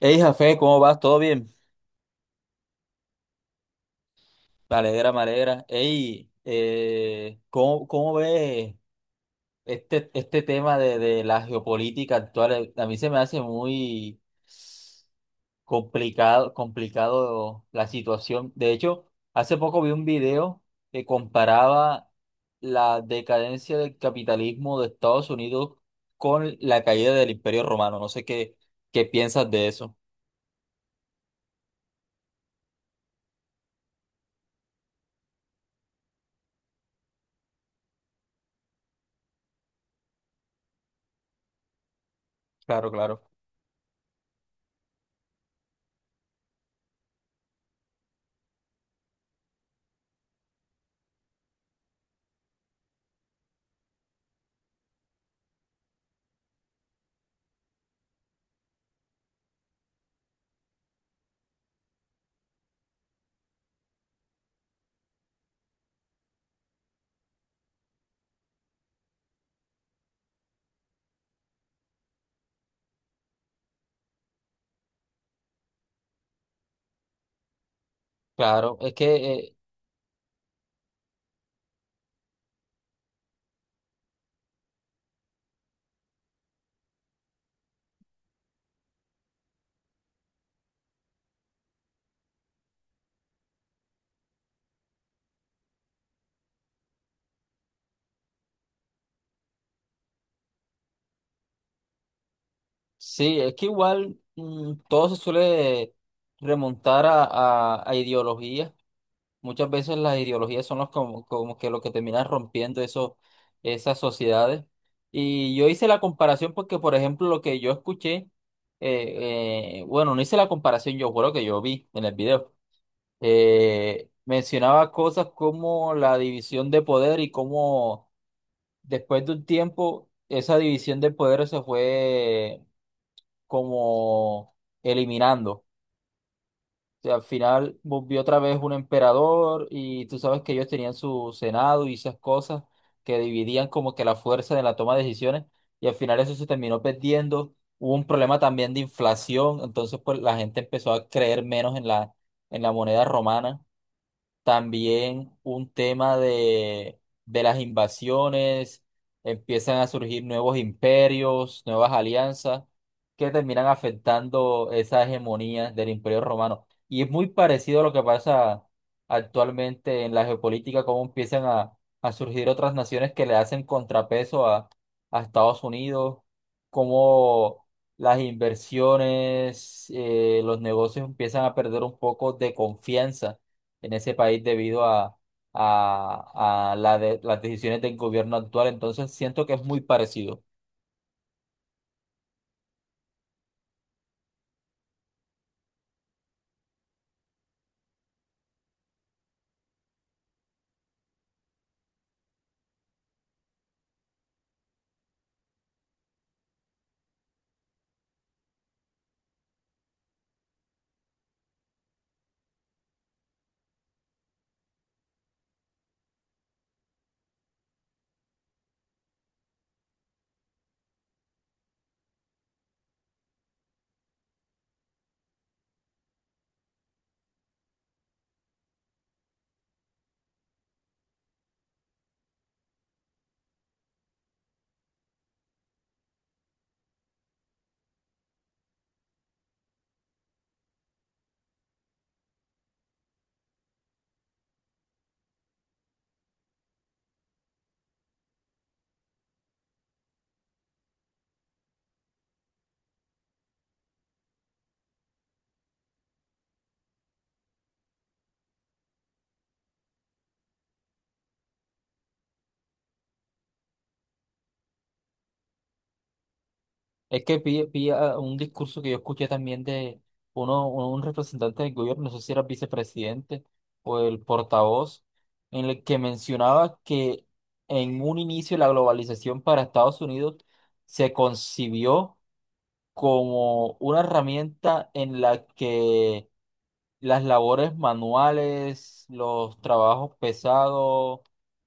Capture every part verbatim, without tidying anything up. Hey, Jafé, ¿cómo vas? ¿Todo bien? Me alegra, me alegra. Hey, eh, ¿cómo, cómo ves este, este tema de, de la geopolítica actual? A mí se me hace muy complicado, complicado la situación. De hecho, hace poco vi un video que comparaba la decadencia del capitalismo de Estados Unidos con la caída del Imperio Romano. No sé qué, qué piensas de eso. Claro, claro. Claro, es que eh, sí, es que igual mm, todo se suele remontar a, a, a ideologías. Muchas veces las ideologías son los como, como que lo que terminan rompiendo eso, esas sociedades. Y yo hice la comparación porque, por ejemplo, lo que yo escuché, eh, eh, bueno, no hice la comparación, yo juro que yo vi en el video, eh, mencionaba cosas como la división de poder y cómo después de un tiempo esa división de poder se fue como eliminando. O sea, al final volvió otra vez un emperador y tú sabes que ellos tenían su senado y esas cosas que dividían como que la fuerza de la toma de decisiones, y al final eso se terminó perdiendo. Hubo un problema también de inflación, entonces pues la gente empezó a creer menos en la, en la moneda romana, también un tema de, de las invasiones, empiezan a surgir nuevos imperios, nuevas alianzas que terminan afectando esa hegemonía del imperio romano. Y es muy parecido a lo que pasa actualmente en la geopolítica, cómo empiezan a, a surgir otras naciones que le hacen contrapeso a, a Estados Unidos, cómo las inversiones, eh, los negocios empiezan a perder un poco de confianza en ese país debido a, a, a la de- las decisiones del gobierno actual. Entonces siento que es muy parecido. Es que pilla, pilla un discurso que yo escuché también de uno, un representante del gobierno, no sé si era el vicepresidente o el portavoz, en el que mencionaba que en un inicio la globalización para Estados Unidos se concibió como una herramienta en la que las labores manuales, los trabajos pesados,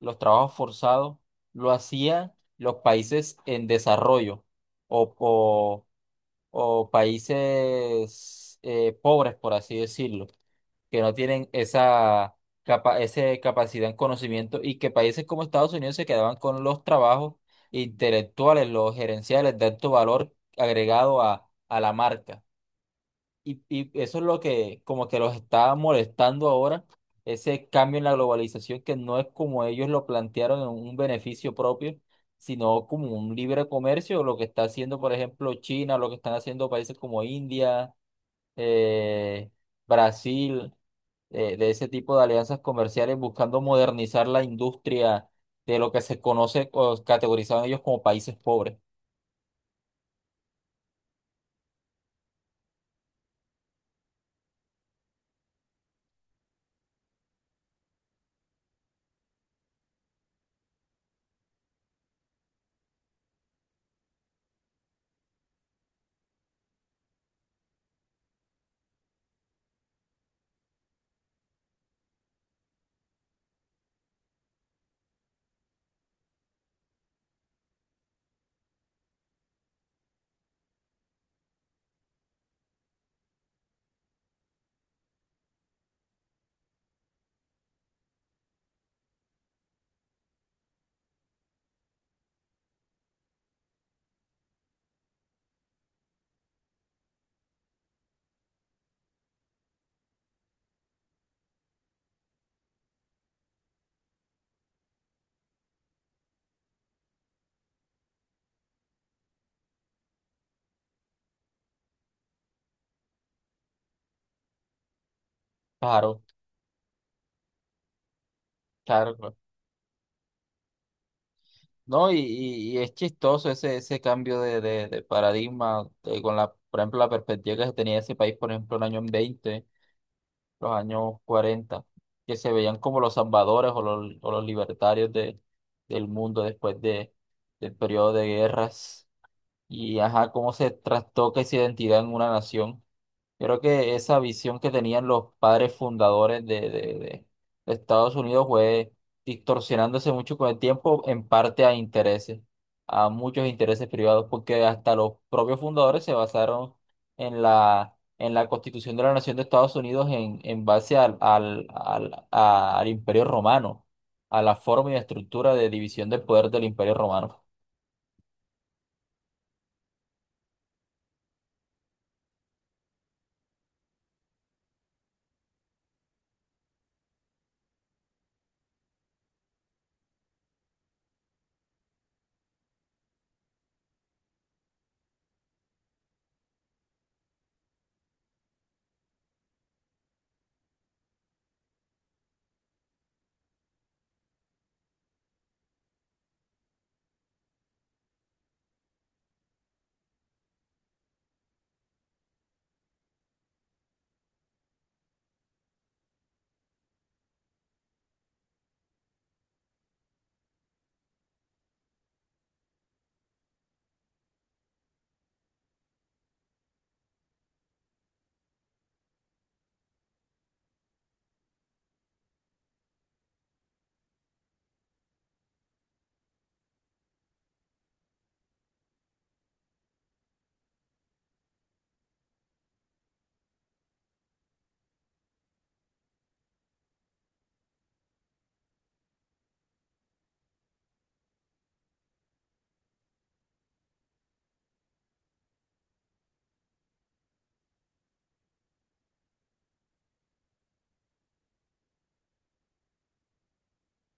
los trabajos forzados, lo hacían los países en desarrollo o, o- o países eh, pobres, por así decirlo, que no tienen esa, capa ese capacidad en conocimiento, y que países como Estados Unidos se quedaban con los trabajos intelectuales, los gerenciales de alto valor agregado a a la marca. Y, y eso es lo que como que los está molestando ahora, ese cambio en la globalización que no es como ellos lo plantearon en un beneficio propio, sino como un libre comercio, lo que está haciendo, por ejemplo, China, lo que están haciendo países como India, eh, Brasil, eh, de ese tipo de alianzas comerciales, buscando modernizar la industria de lo que se conoce o categorizaban ellos como países pobres. Claro, claro. Claro. No, y, y- y es chistoso ese, ese cambio de, de, de paradigma, eh, con la, por ejemplo, la perspectiva que se tenía de ese país, por ejemplo, en los años veinte, los años cuarenta, que se veían como los salvadores o los, o los libertarios de, del mundo después de, del periodo de guerras, y, ajá, cómo se trastoca esa identidad en una nación. Yo creo que esa visión que tenían los padres fundadores de, de, de- de Estados Unidos fue distorsionándose mucho con el tiempo, en parte a intereses, a muchos intereses privados, porque hasta los propios fundadores se basaron en la, en la Constitución de la Nación de Estados Unidos en, en base al, al, al, a- al Imperio Romano, a la forma y estructura de división del poder del Imperio Romano.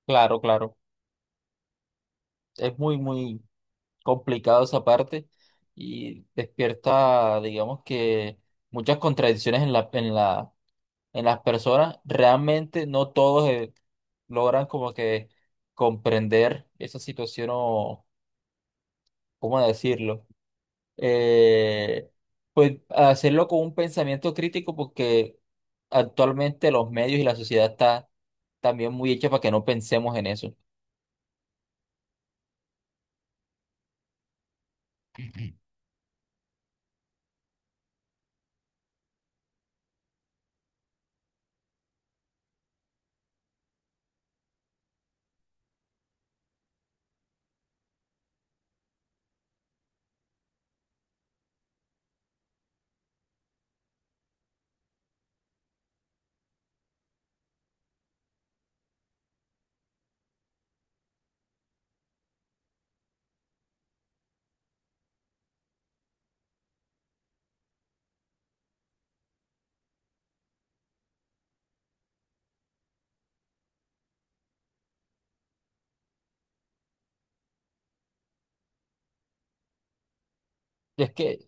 Claro, claro. Es muy, muy complicado esa parte y despierta, digamos que muchas contradicciones en la, en la, en las personas. Realmente no todos eh, logran como que comprender esa situación o, ¿cómo decirlo? Eh, pues hacerlo con un pensamiento crítico porque actualmente los medios y la sociedad está también muy hecha para que no pensemos en eso. es que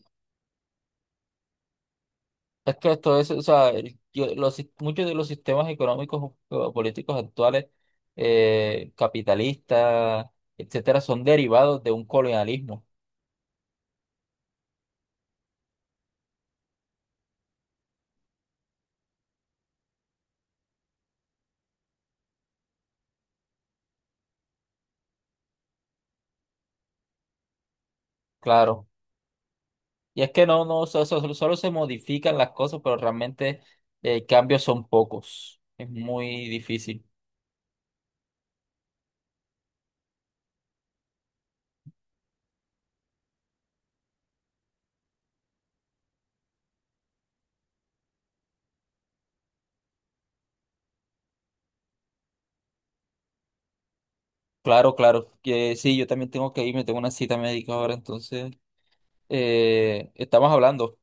Es que esto es, o sea, el- yo- los, sis- muchos de los sistemas económicos o políticos actuales, eh, capitalistas, etcétera, son derivados de un colonialismo, claro. Y es que no, no, o sea, so, solo, solo se modifican las cosas, pero realmente eh, cambios son pocos. Es muy difícil. Claro, claro. Que sí, yo también tengo que irme, tengo una cita médica ahora, entonces eh, estamos hablando.